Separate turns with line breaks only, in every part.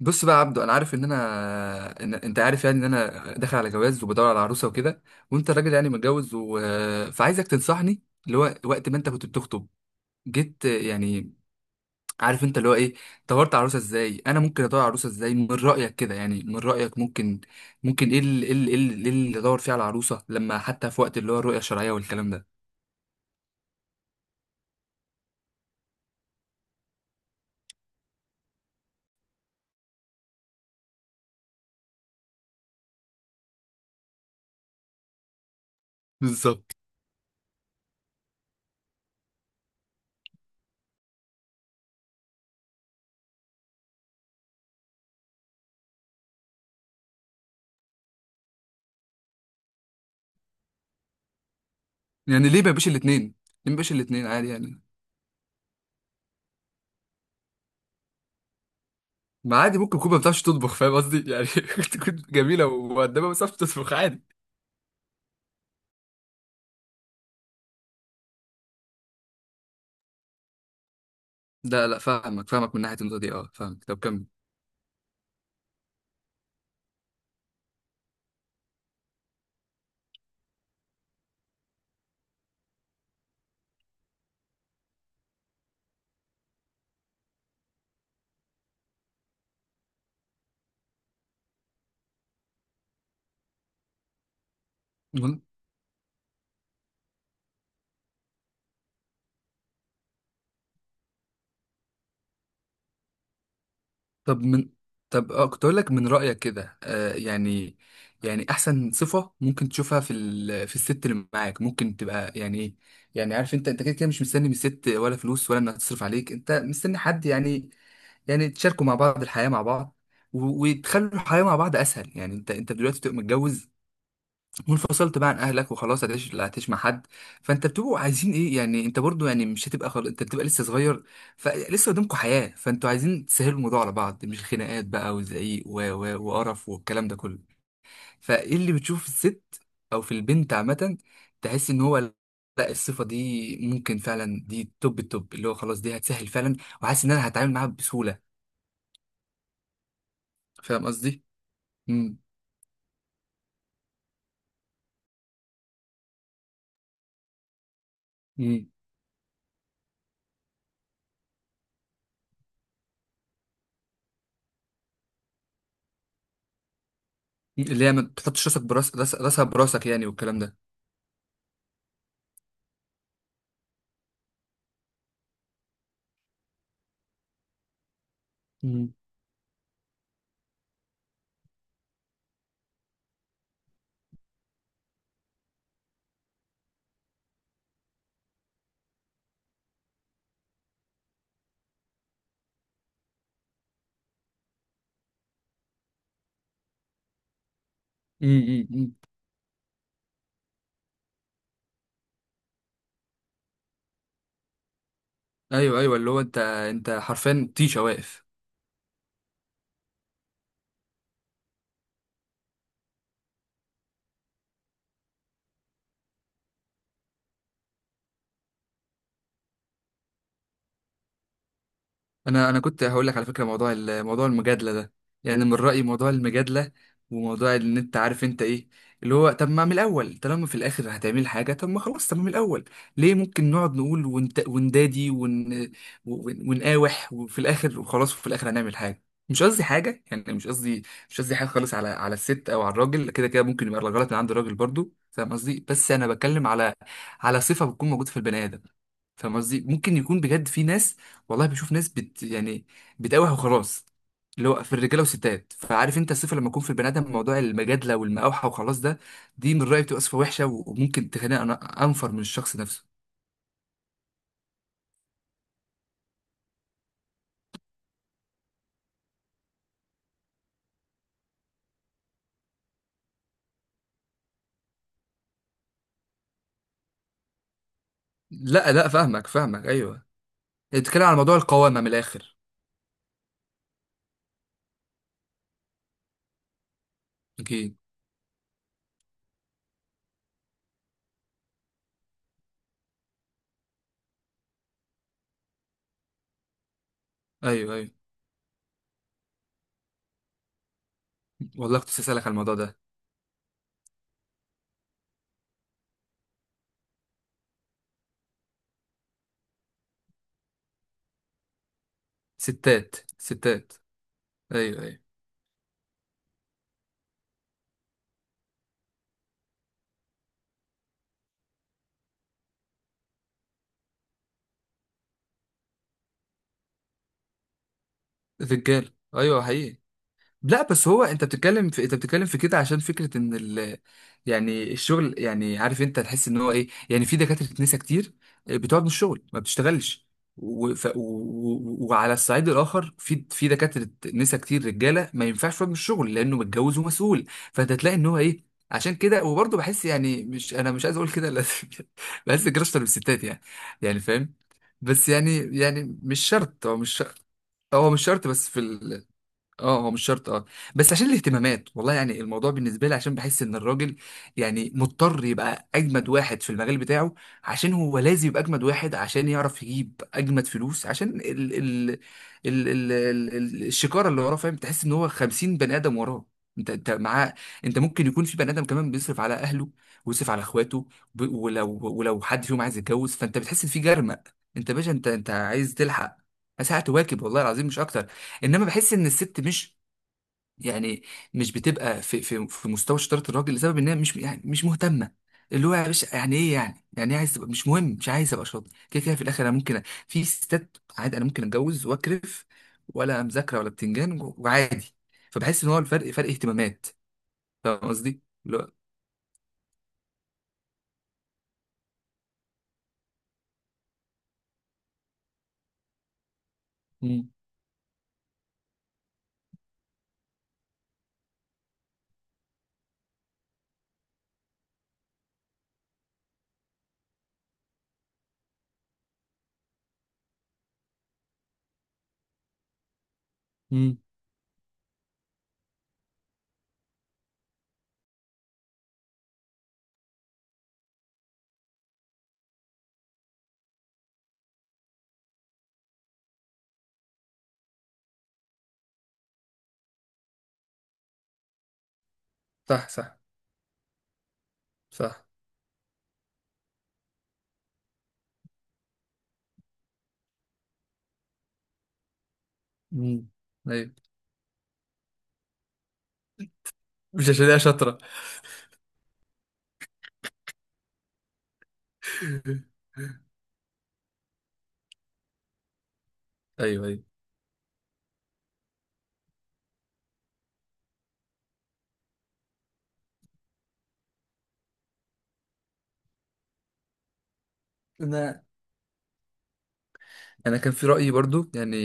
بص بقى يا عبدو، انا عارف ان انت عارف، يعني ان انا داخل على جواز وبدور على عروسه وكده. وانت راجل يعني متجوز فعايزك تنصحني. اللي هو وقت ما انت كنت بتخطب، جيت يعني، عارف انت اللي هو ايه، دورت على عروسه ازاي؟ انا ممكن ادور على عروسه ازاي من رايك كده؟ يعني من رايك ممكن ايه اللي ادور فيه على عروسه، لما حتى في وقت اللي هو الرؤيه الشرعيه والكلام ده؟ بالظبط. يعني ليه ما بيبقاش الاثنين؟ ليه ما بيبقاش الاثنين عادي يعني؟ ما عادي، ممكن تكون ما بتعرفش تطبخ، فاهم قصدي يعني؟ ممكن تكون جميله ومؤدبه بس ما بتعرفش تطبخ، عادي. لا لا، فاهمك فاهمك من ناحيه النقطه دي، اه فاهمك، طب كمل. من- من، اه كنت اقول لك، من رايك كده يعني، يعني احسن صفه ممكن تشوفها في في الست اللي معاك ممكن تبقى يعني ايه؟ يعني عارف انت، انت كده كده مش مستني من الست ولا فلوس ولا انها تصرف عليك، انت مستني حد يعني، يعني تشاركوا مع بعض الحياه مع بعض، وتخلوا الحياه مع بعض اسهل. يعني انت دلوقتي بتبقى متجوز وانفصلت بقى عن اهلك وخلاص، هتعيش لا هتعيش مع حد. فانت بتبقوا عايزين ايه يعني؟ انت برضو يعني مش هتبقى انت بتبقى لسه صغير، فلسه قدامكم حياة، فانتوا عايزين تسهلوا الموضوع على بعض، مش خناقات بقى وزعيق وقرف والكلام ده كله. فايه اللي بتشوف في الست او في البنت عامة، تحس ان هو لا الصفة دي ممكن فعلا دي توب التوب، اللي هو خلاص دي هتسهل فعلا، وحاسس ان انا هتعامل معاها بسهولة. فاهم قصدي؟ امم. امم. اللي هي ما تحطش راسك براس راسها براسك يعني، والكلام ده. امم. امم. ايوه ايوه، اللي هو انت حرفيا طيشه واقف. انا كنت هقول لك على فكره، موضوع موضوع المجادله ده. يعني من رايي، موضوع المجادله وموضوع ان انت عارف انت ايه، اللي هو طب ما من الاول طالما في الاخر هتعمل حاجه، طب ما خلاص، طب ما من الاول ليه ممكن نقعد نقول ونت... وندادي ون... ون- ونقاوح، وفي الاخر وخلاص وفي الاخر هنعمل حاجه. مش قصدي حاجه يعني، مش قصدي، مش قصدي حاجه خالص على الست او على الراجل، كده كده ممكن يبقى الغلط من عند الراجل برضو، فاهم قصدي؟ بس انا بتكلم على صفه بتكون موجوده في البني ادم. فاهم قصدي؟ ممكن يكون بجد في ناس، والله بشوف ناس بت يعني بتقاوح وخلاص، اللي هو في الرجاله والستات. فعارف انت الصفه، لما يكون في البني ادم موضوع المجادله والمقاوحه وخلاص ده، دي من رايي بتبقى صفه وحشه، وممكن تخليني انا انفر من الشخص نفسه. لا لا فاهمك فاهمك ايوه. انت بتتكلم على موضوع القوامه من الاخر. اكيد. ايوه ايوه. والله كنت اسالك على الموضوع ده. ستات ستات. ايوه ايوه. رجاله ايوه حقيقي. لا بس هو انت بتتكلم في كده عشان فكره ان يعني الشغل، يعني عارف انت تحس ان هو ايه؟ يعني في دكاتره نساء كتير بتقعد من الشغل ما بتشتغلش، وعلى الصعيد الاخر في دكاتره نساء كتير رجاله ما ينفعش يقعد من الشغل لانه متجوز ومسؤول. فانت تلاقي ان هو ايه؟ عشان كده، وبرضه بحس، يعني مش انا مش عايز اقول كده، لا بحس كراشة بالستات يعني، يعني فاهم؟ بس يعني، يعني مش شرط، هو مش شرط. هو مش شرط بس في اه هو مش شرط اه. بس عشان الاهتمامات، والله يعني الموضوع بالنسبه لي عشان بحس ان الراجل يعني مضطر يبقى اجمد واحد في المجال بتاعه، عشان هو لازم يبقى اجمد واحد عشان يعرف يجيب اجمد فلوس، عشان ال ال ال ال ال ال الشكاره اللي وراه. فاهم؟ تحس ان هو 50 بني ادم وراه، انت معاه. انت ممكن يكون في بني ادم كمان بيصرف على اهله ويصرف على اخواته، ولو حد فيهم عايز يتجوز فانت بتحس ان في جرمق، انت يا باشا انت عايز تلحق ساعة تواكب، والله العظيم مش اكتر. انما بحس ان الست مش يعني، مش بتبقى في في مستوى شطاره الراجل، لسبب انها مش يعني مش مهتمه. اللي هو يا باشا يعني ايه؟ يعني يعني ايه عايز تبقى مش مهم؟ مش عايز ابقى شاطر؟ كده كده في الاخر انا ممكن في ستات عادي انا ممكن اتجوز واكرف، ولا مذاكره ولا بتنجان وعادي. فبحس ان هو الفرق، فرق اهتمامات. فاهم قصدي؟ اللي هو مم، مم، صح صح صح. مم، ايوه، مش عشان هي شاطره. ايوه ايوه. انا كان في رايي برضو يعني،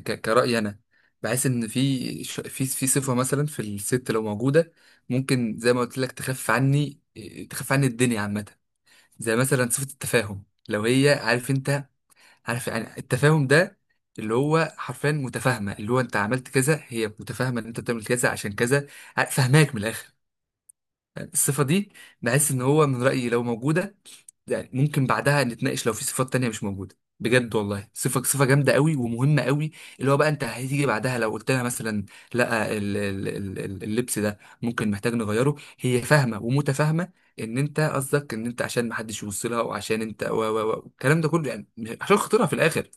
كرايي انا، بحس ان في في صفه مثلا في الست لو موجوده، ممكن زي ما قلت لك تخف عني، تخف عني الدنيا عامه. زي مثلا صفه التفاهم، لو هي عارف انت، عارف يعني التفاهم ده، اللي هو حرفيا متفاهمه، اللي هو انت عملت كذا هي متفاهمه ان انت بتعمل كذا عشان كذا، فاهماك من الاخر. الصفه دي بحس ان هو من رايي لو موجوده، يعني ممكن بعدها نتناقش لو في صفات تانية مش موجودة، بجد والله صفة صفة جامدة قوي ومهمة قوي. اللي هو بقى انت هتيجي بعدها لو قلت لها مثلا لا، اللبس ده ممكن محتاج نغيره، هي فاهمة ومتفاهمة ان انت قصدك ان انت عشان محدش يبص لها، وعشان انت و الكلام ده كله يعني، عشان خاطرها في الاخر.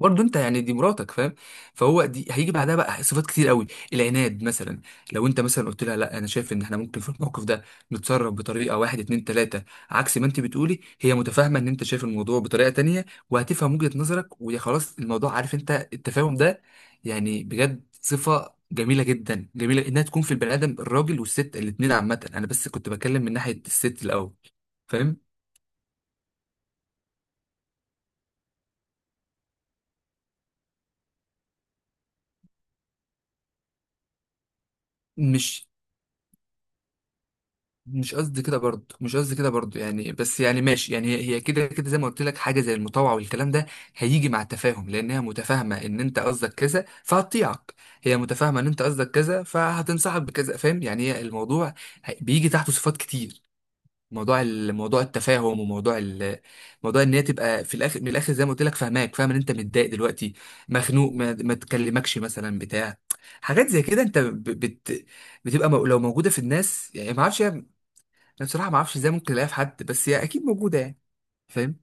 برضه انت يعني دي مراتك، فاهم؟ فهو دي هيجي بعدها بقى صفات كتير قوي. العناد مثلا، لو انت مثلا قلت لها لا انا شايف ان احنا ممكن في الموقف ده نتصرف بطريقه واحد اتنين تلاته عكس ما انت بتقولي، هي متفاهمه ان انت شايف الموضوع بطريقه تانيه وهتفهم وجهه نظرك ويا خلاص الموضوع، عارف انت التفاهم ده؟ يعني بجد صفه جميله جدا، جميله انها تكون في البني ادم الراجل والست الاتنين عامه، انا بس كنت بتكلم من ناحيه الست الاول، فاهم؟ مش مش قصدي كده برضه، مش قصدي كده برضه يعني، بس يعني ماشي، يعني هي هي كده كده زي ما قلت لك، حاجه زي المطاوعه والكلام ده هيجي مع التفاهم، لانها متفاهمه ان انت قصدك كذا فهتطيعك، هي متفاهمه ان انت قصدك كذا فهتنصحك بكذا. فاهم يعني؟ هي الموضوع بيجي تحته صفات كتير. موضوع موضوع التفاهم، وموضوع موضوع ان هي تبقى في الاخر من الاخر زي ما قلت لك فاهماك، فاهم ان انت متضايق دلوقتي مخنوق، ما تكلمكش مثلا بتاع، حاجات زي كده انت ب- بت بتبقى لو موجوده في الناس يعني ما اعرفش، انا بصراحه ما اعرفش ازاي ممكن الاقيها في حد، بس هي اكيد موجوده يعني فاهم.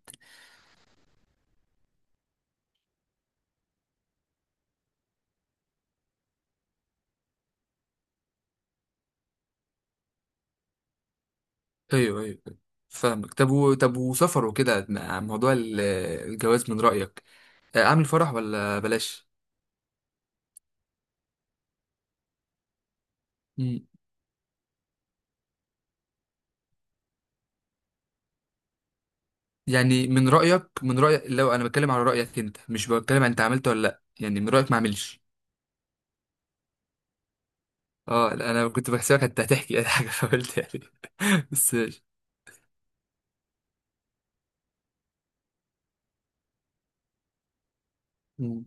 ايوه ايوه أيوة. فاهمك. طب طب وسفر وكده مع موضوع الجواز، من رايك اعمل فرح ولا بلاش؟ مم. يعني من رايك، من رايك لو انا بتكلم على رايك انت، مش بتكلم عن انت عملت ولا لا، يعني من رايك ما اعملش. اه لا، انا كنت بحسبك انت هتحكي اي حاجه فقلت يعني بس ماشي. مم.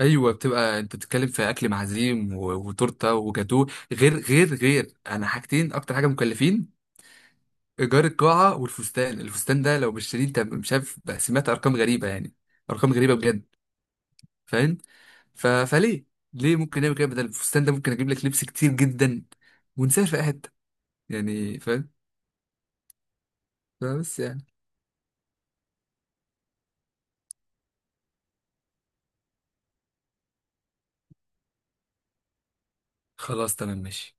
ايوه بتبقى انت بتتكلم في اكل معزيم وتورته وجاتوه، غير انا حاجتين اكتر حاجه مكلفين. ايجار القاعه والفستان، الفستان ده لو مش شاريه انت مش عارف بقى، سمعت ارقام غريبه يعني، ارقام غريبه بجد فاهم. فليه ليه ممكن نعمل كده؟ بدل الفستان ده ممكن اجيب لك لبس كتير جدا ونسافر في أي حته، يعني فاهم؟ بس يعني خلاص تمام ماشي.